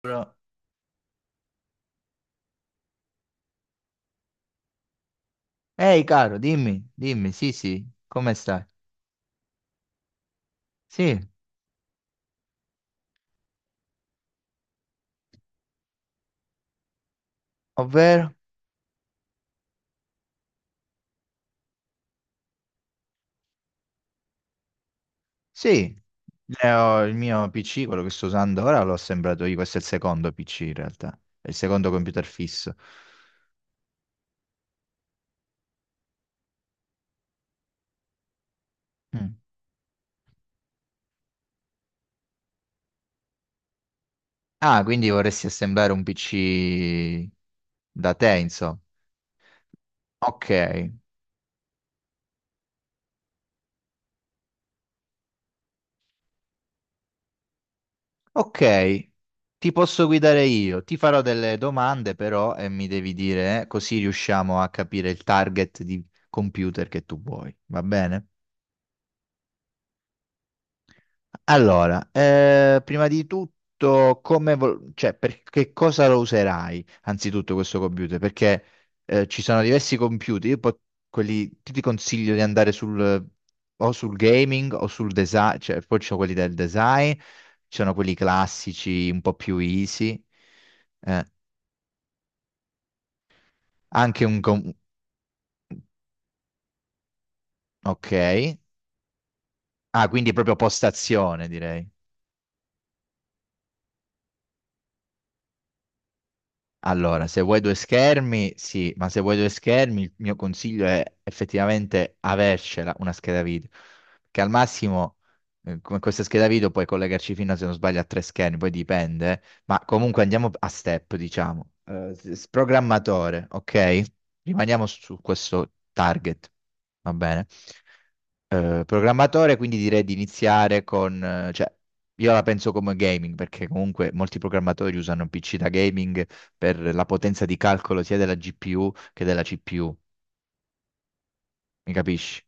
Però- ehi, caro, dimmi, dimmi, sì, sì, come stai? Sì, ovvero? Sì, ne ho il mio PC, quello che sto usando ora, l'ho assemblato io, questo è il secondo PC in realtà, è il secondo computer fisso. Mm. Ah, quindi vorresti assemblare un PC da te, insomma. Ok, ok, ti posso guidare io, ti farò delle domande però e mi devi dire, così riusciamo a capire il target di computer che tu vuoi, va bene? Allora, prima di tutto, cioè, per che cosa lo userai anzitutto questo computer? Perché ci sono diversi computer, quelli, ti consiglio di andare sul, o sul gaming o sul design, cioè, poi ci sono quelli del design, ci sono quelli classici, un po' più easy, eh, anche un... com- ok, ah, quindi proprio postazione direi. Allora, se vuoi due schermi, sì, ma se vuoi due schermi, il mio consiglio è effettivamente avercela una scheda video, che al massimo con questa scheda video puoi collegarci fino, se non sbaglio, a tre schermi, poi dipende, eh. Ma comunque andiamo a step, diciamo. S- programmatore, ok? Rimaniamo su questo target, va bene? Eh, programmatore, quindi direi di iniziare con, cioè, io la penso come gaming, perché comunque molti programmatori usano un PC da gaming per la potenza di calcolo sia della GPU che della CPU, mi capisci?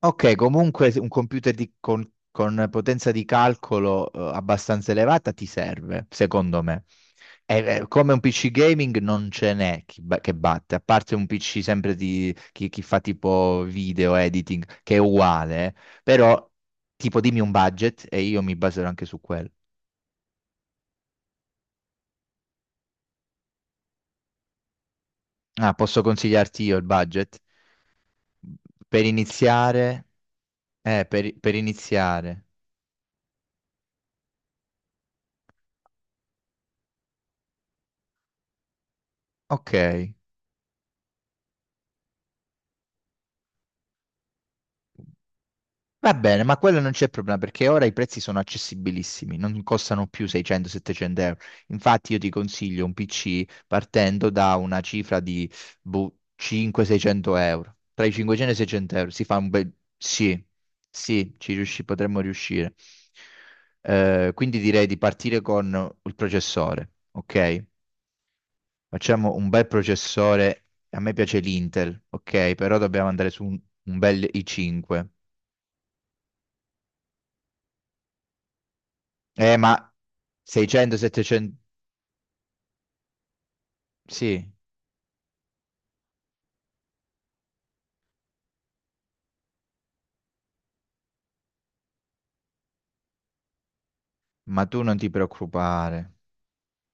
Ok, comunque se un computer di- con potenza di calcolo, abbastanza elevata ti serve, secondo me. Come un PC gaming non ce n'è chi ba- che batte, a parte un PC sempre di chi, chi fa tipo video editing, che è uguale, eh. Però tipo dimmi un budget e io mi baserò anche su quello. Ah, posso consigliarti io il budget? Per iniziare, per iniziare. Ok. Va bene, ma quello non c'è problema perché ora i prezzi sono accessibilissimi, non costano più 600-700 euro. Infatti io ti consiglio un PC partendo da una cifra di boh, 500-600 euro. Tra i 500 e i 600 euro si fa un bel... Sì, sì, ci riusci- potremmo riuscire. Quindi direi di partire con il processore, ok? Facciamo un bel processore, a me piace l'Intel, ok? Però dobbiamo andare su un bel i5. Ma 600, 700, sì, ma tu non ti preoccupare.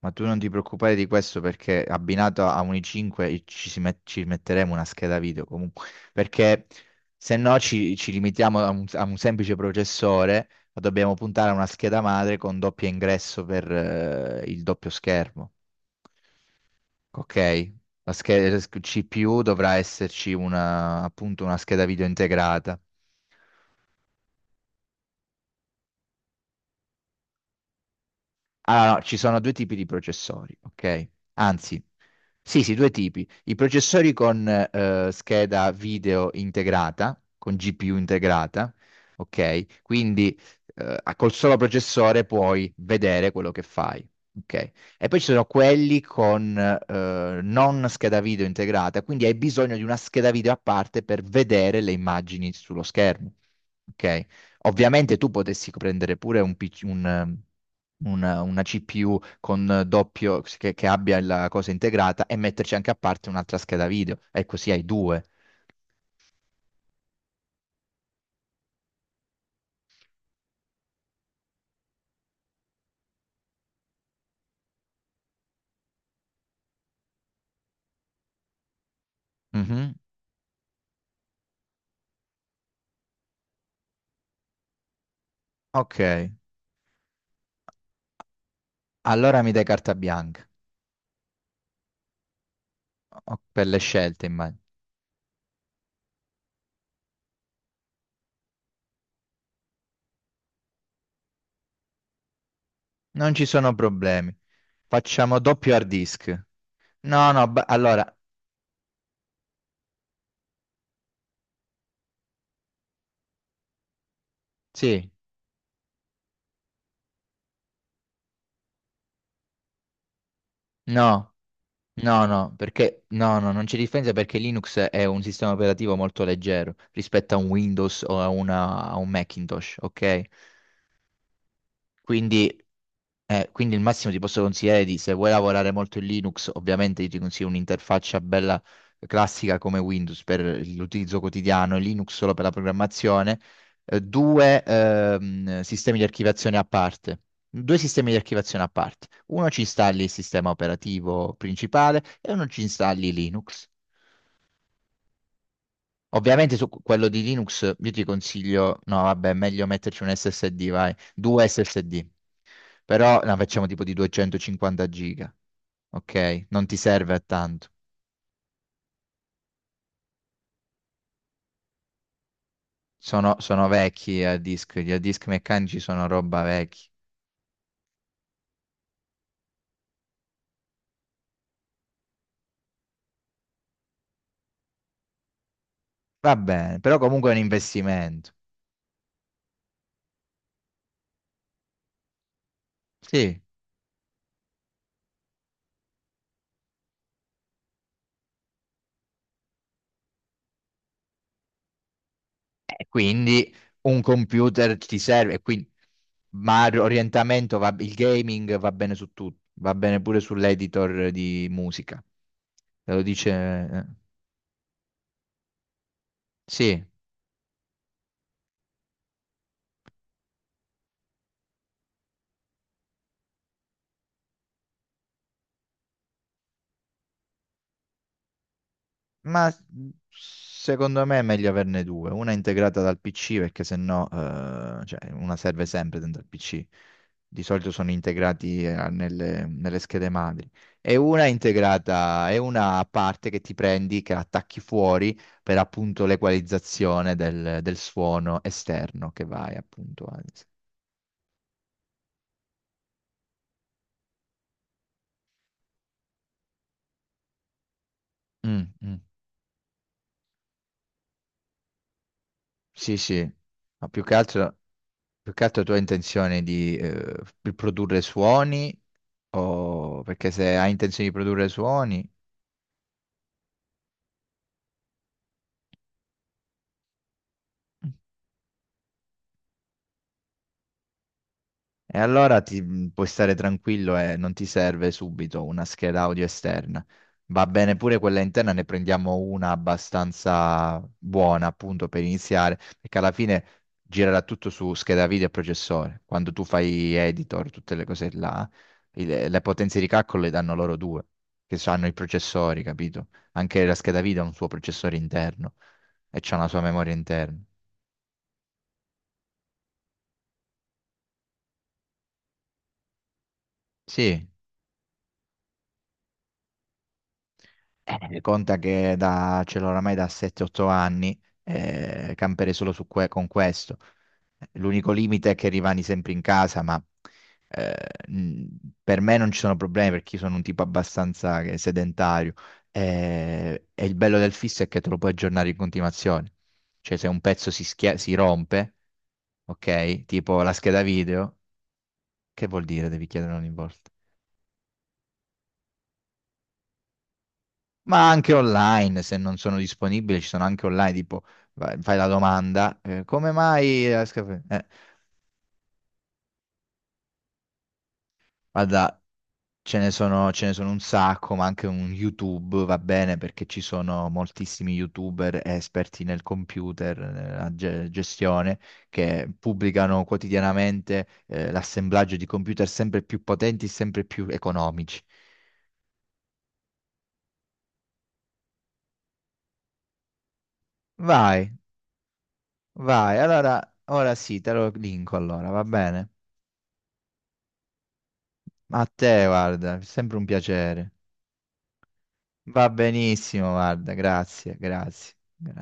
Ma tu non ti preoccupare di questo perché abbinato a un i5 e ci, si met- ci metteremo una scheda video comunque, perché se no ci, ci limitiamo a un semplice processore, ma dobbiamo puntare a una scheda madre con doppio ingresso per il doppio schermo. Ok, la scheda CPU dovrà esserci una, appunto una scheda video integrata. Allora, no, ci sono due tipi di processori, ok? Anzi, sì, sì, due tipi. I processori con scheda video integrata, con GPU integrata, ok? Quindi col solo processore puoi vedere quello che fai, ok? E poi ci sono quelli con non scheda video integrata, quindi hai bisogno di una scheda video a parte per vedere le immagini sullo schermo, ok? Ovviamente tu potessi prendere pure un PC un, una CPU con doppio, che abbia la cosa integrata e metterci anche a parte un'altra scheda video. E così hai due. Mhm. Ok, allora mi dai carta bianca O- per le scelte, immagino. Non ci sono problemi. Facciamo doppio hard disk. No, no, ba- allora, sì, no. No, no, perché no, no, non c'è differenza perché Linux è un sistema operativo molto leggero rispetto a un Windows o a, una- a un Macintosh, ok? Quindi, quindi il massimo ti posso consigliare di, se vuoi lavorare molto in Linux, ovviamente io ti consiglio un'interfaccia bella classica come Windows per l'utilizzo quotidiano, e Linux solo per la programmazione, due sistemi di archiviazione a parte. Due sistemi di archiviazione a parte. Uno ci installi il sistema operativo principale e uno ci installi Linux. Ovviamente su quello di Linux io ti consiglio, no, vabbè, è meglio metterci un SSD, vai, due SSD. Però la facciamo tipo di 250 giga, ok? Non ti serve a tanto. Sono, sono vecchi a disk, gli a disk meccanici sono roba vecchia. Va bene, però comunque è un investimento. Sì. E quindi un computer ti serve, e quindi, ma l'orientamento, va, il gaming va bene su tutto, va bene pure sull'editor di musica. Te lo dice... sì, ma s- secondo me è meglio averne due, una integrata dal PC perché sennò cioè, una serve sempre dentro il PC. Di solito sono integrati nelle, nelle schede madri. E una integrata, è una a parte che ti prendi, che attacchi fuori per appunto l'equalizzazione del, del suono esterno che vai appunto a... Mm, mm. Sì, sì, ma più che altro... Più che altro tu hai intenzione di produrre suoni o perché se hai intenzione di produrre suoni... E allora ti puoi stare tranquillo e non ti serve subito una scheda audio esterna. Va bene pure quella interna, ne prendiamo una abbastanza buona appunto per iniziare, perché alla fine girerà tutto su scheda video e processore. Quando tu fai editor, tutte le cose là, il- le potenze di calcolo le danno loro due, che hanno i processori, capito? Anche la scheda video ha un suo processore interno e c'ha una sua memoria interna. Sì. Conta che da, ce l'ho oramai da 7-8 anni, camperei solo su que- con questo. L'unico limite è che rimani sempre in casa, ma eh, mh, per me non ci sono problemi perché io sono un tipo abbastanza che- sedentario. E il bello del fisso è che te lo puoi aggiornare in continuazione. Cioè, se un pezzo si, schia- si rompe, ok, tipo la scheda video, che vuol dire? Devi chiedere ogni volta. Ma anche online, se non sono disponibili, ci sono anche online, tipo vai- fai la domanda, come mai? La sca- guarda, ce ne sono un sacco, ma anche un YouTube va bene perché ci sono moltissimi YouTuber esperti nel computer, nella ge- gestione, che pubblicano quotidianamente, l'assemblaggio di computer sempre più potenti, sempre più economici. Vai, vai, allora, ora sì, te lo linko allora, va bene? Ma a te, guarda, è sempre un piacere. Va benissimo, guarda, grazie, grazie, grazie.